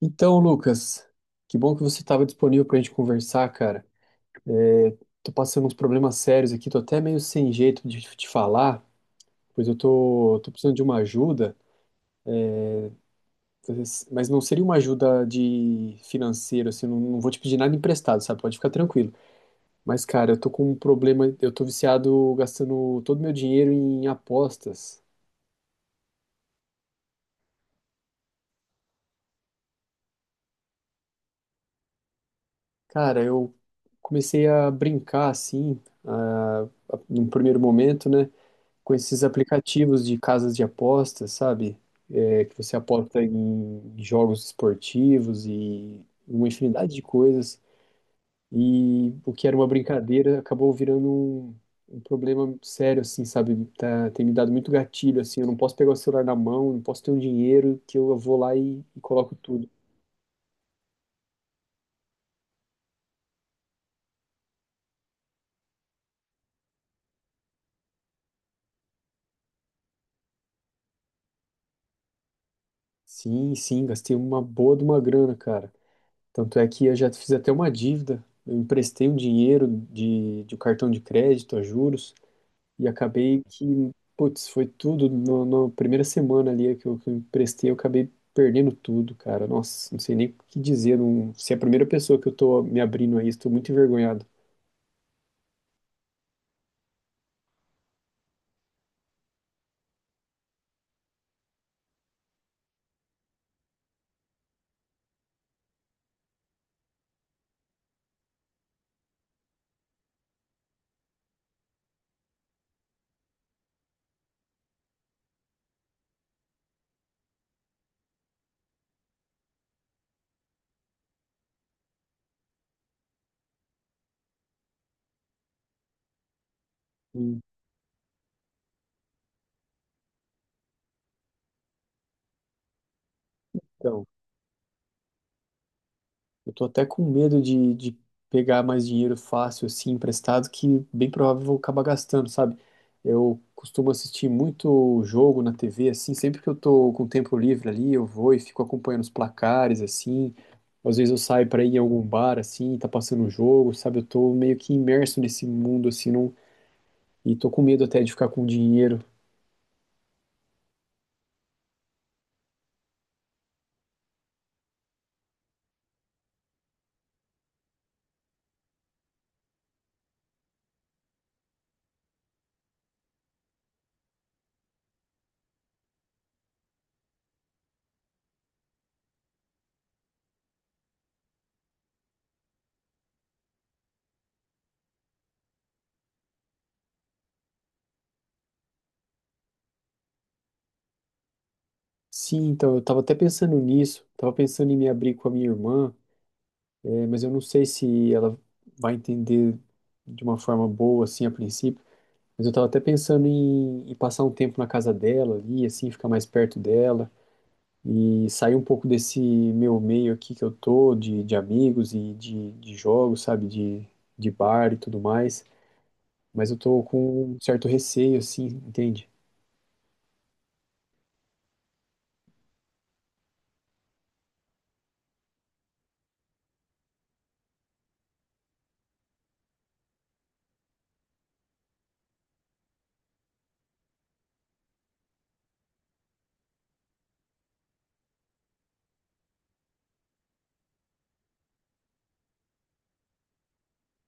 Então, Lucas, que bom que você estava disponível para a gente conversar, cara. Tô passando uns problemas sérios aqui, tô até meio sem jeito de te falar, pois eu tô precisando de uma ajuda, mas não seria uma ajuda de financeira, assim, não, não vou te pedir nada emprestado, sabe? Pode ficar tranquilo. Mas, cara, eu tô com um problema, eu tô viciado gastando todo meu dinheiro em apostas. Cara, eu comecei a brincar assim, ah, num primeiro momento, né? Com esses aplicativos de casas de apostas, sabe? É, que você aposta em jogos esportivos e uma infinidade de coisas. E o que era uma brincadeira acabou virando um problema sério, assim, sabe? Tá, tem me dado muito gatilho, assim. Eu não posso pegar o celular na mão, não posso ter um dinheiro que eu vou lá e coloco tudo. Sim, sim, gastei uma boa de uma grana, cara. Tanto é que eu já fiz até uma dívida. Eu emprestei um dinheiro de um cartão de crédito a juros. E acabei que, putz, foi tudo na primeira semana ali que eu emprestei, eu acabei perdendo tudo, cara. Nossa, não sei nem o que dizer. Não, se é a primeira pessoa que eu tô me abrindo a isso, tô muito envergonhado. Então, eu tô até com medo de pegar mais dinheiro fácil, assim, emprestado, que bem provável eu vou acabar gastando, sabe? Eu costumo assistir muito jogo na TV, assim, sempre que eu tô com tempo livre ali, eu vou e fico acompanhando os placares, assim. Às vezes eu saio pra ir em algum bar, assim, tá passando um jogo, sabe? Eu tô meio que imerso nesse mundo, assim, não, e tô com medo até de ficar com dinheiro. Sim, então eu tava até pensando nisso, tava pensando em me abrir com a minha irmã. É, mas eu não sei se ela vai entender de uma forma boa, assim, a princípio. Mas eu tava até pensando em passar um tempo na casa dela ali, assim, ficar mais perto dela e sair um pouco desse meu meio aqui que eu tô, de amigos e de jogos, sabe, de bar e tudo mais. Mas eu tô com um certo receio, assim, entende?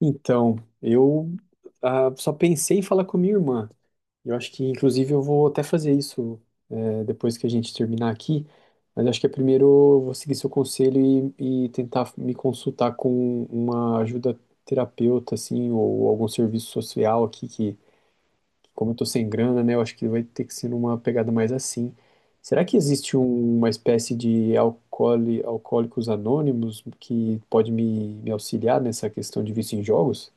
Então, eu só pensei em falar com minha irmã. Eu acho que, inclusive, eu vou até fazer isso, é, depois que a gente terminar aqui. Mas acho que é primeiro eu vou seguir seu conselho e tentar me consultar com uma ajuda terapeuta, assim, ou algum serviço social aqui, que, como eu tô sem grana, né, eu acho que vai ter que ser numa pegada mais assim. Será que existe uma espécie de alcoólicos anônimos que pode me auxiliar nessa questão de vício em jogos?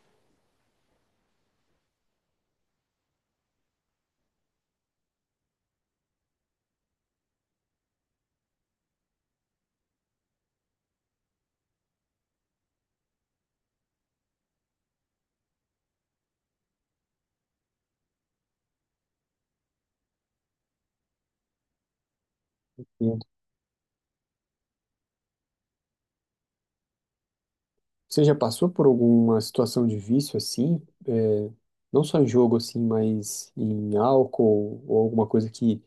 Você já passou por alguma situação de vício assim? É, não só em jogo assim, mas em álcool ou alguma coisa que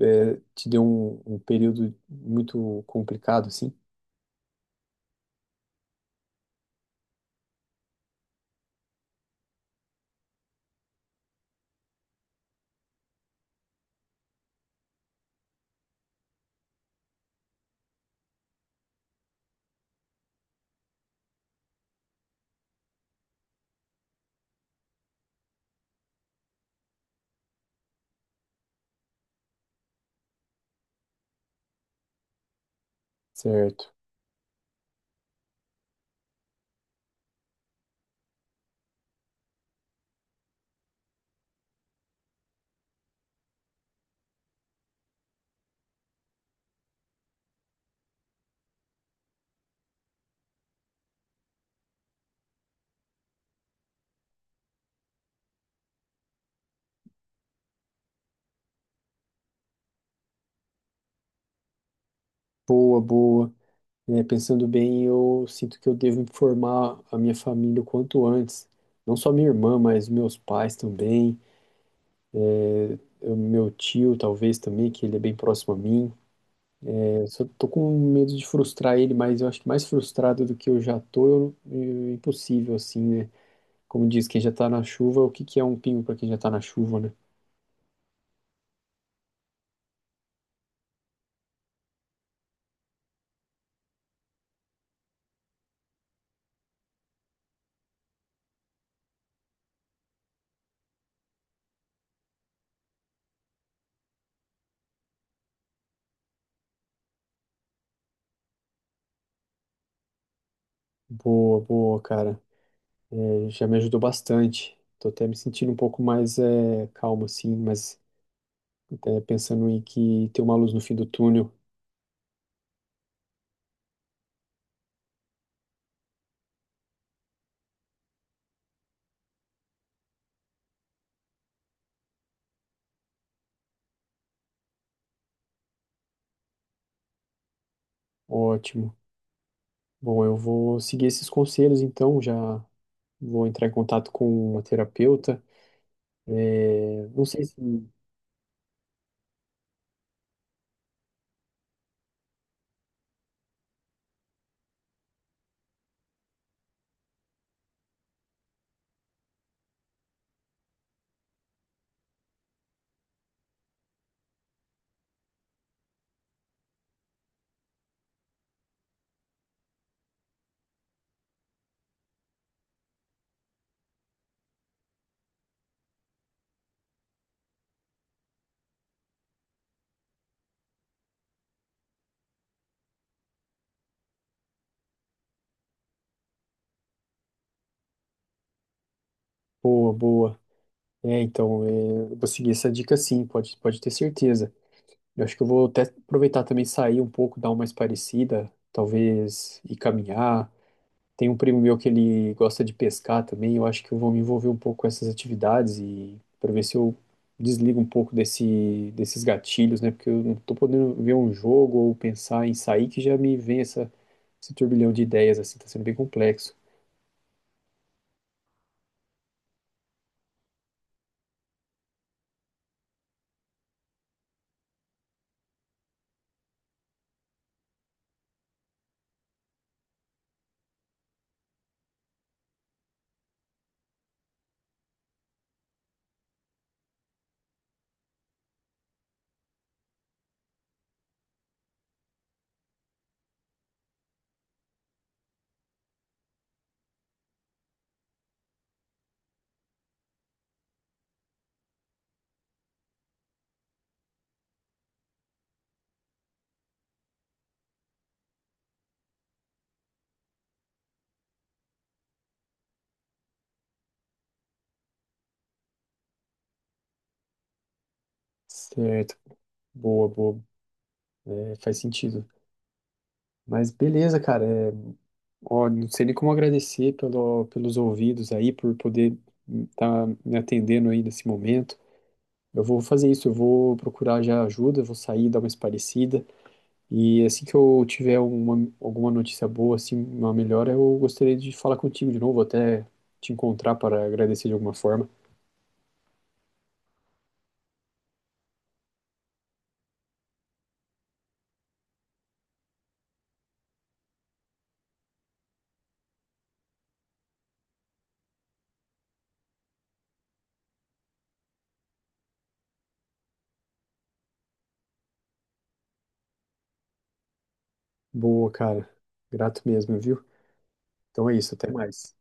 é, te deu um período muito complicado assim? Certo. Boa, boa. É, pensando bem, eu sinto que eu devo informar a minha família o quanto antes. Não só minha irmã, mas meus pais também, meu tio talvez também, que ele é bem próximo a mim. Eu só tô com medo de frustrar ele, mas eu acho que mais frustrado do que eu já tô, eu, é impossível, assim, né? Como diz, quem já tá na chuva, o que que é um pingo pra quem já tá na chuva, né? Boa, boa, cara. É, já me ajudou bastante. Tô até me sentindo um pouco mais é, calmo, assim, mas é, pensando em que tem uma luz no fim do túnel. Ótimo. Bom, eu vou seguir esses conselhos, então, já vou entrar em contato com uma terapeuta. É, não sei se. Boa, boa. É, então, é, eu vou seguir essa dica sim, pode, pode ter certeza. Eu acho que eu vou até aproveitar também sair um pouco, dar uma espairecida, talvez ir caminhar. Tem um primo meu que ele gosta de pescar também, eu acho que eu vou me envolver um pouco com essas atividades e para ver se eu desligo um pouco desse, desses gatilhos, né? Porque eu não tô podendo ver um jogo ou pensar em sair que já me vem essa, esse turbilhão de ideias, assim, tá sendo bem complexo. Certo, boa, boa, é, faz sentido. Mas beleza, cara. É, ó, não sei nem como agradecer pelo, pelos ouvidos aí, por poder estar me atendendo aí nesse momento. Eu vou fazer isso, eu vou procurar já ajuda, vou sair, dar uma esparecida. E assim que eu tiver uma, alguma notícia boa, assim, uma melhora, eu gostaria de falar contigo de novo, até te encontrar para agradecer de alguma forma. Boa, cara. Grato mesmo, viu? Então é isso, até mais.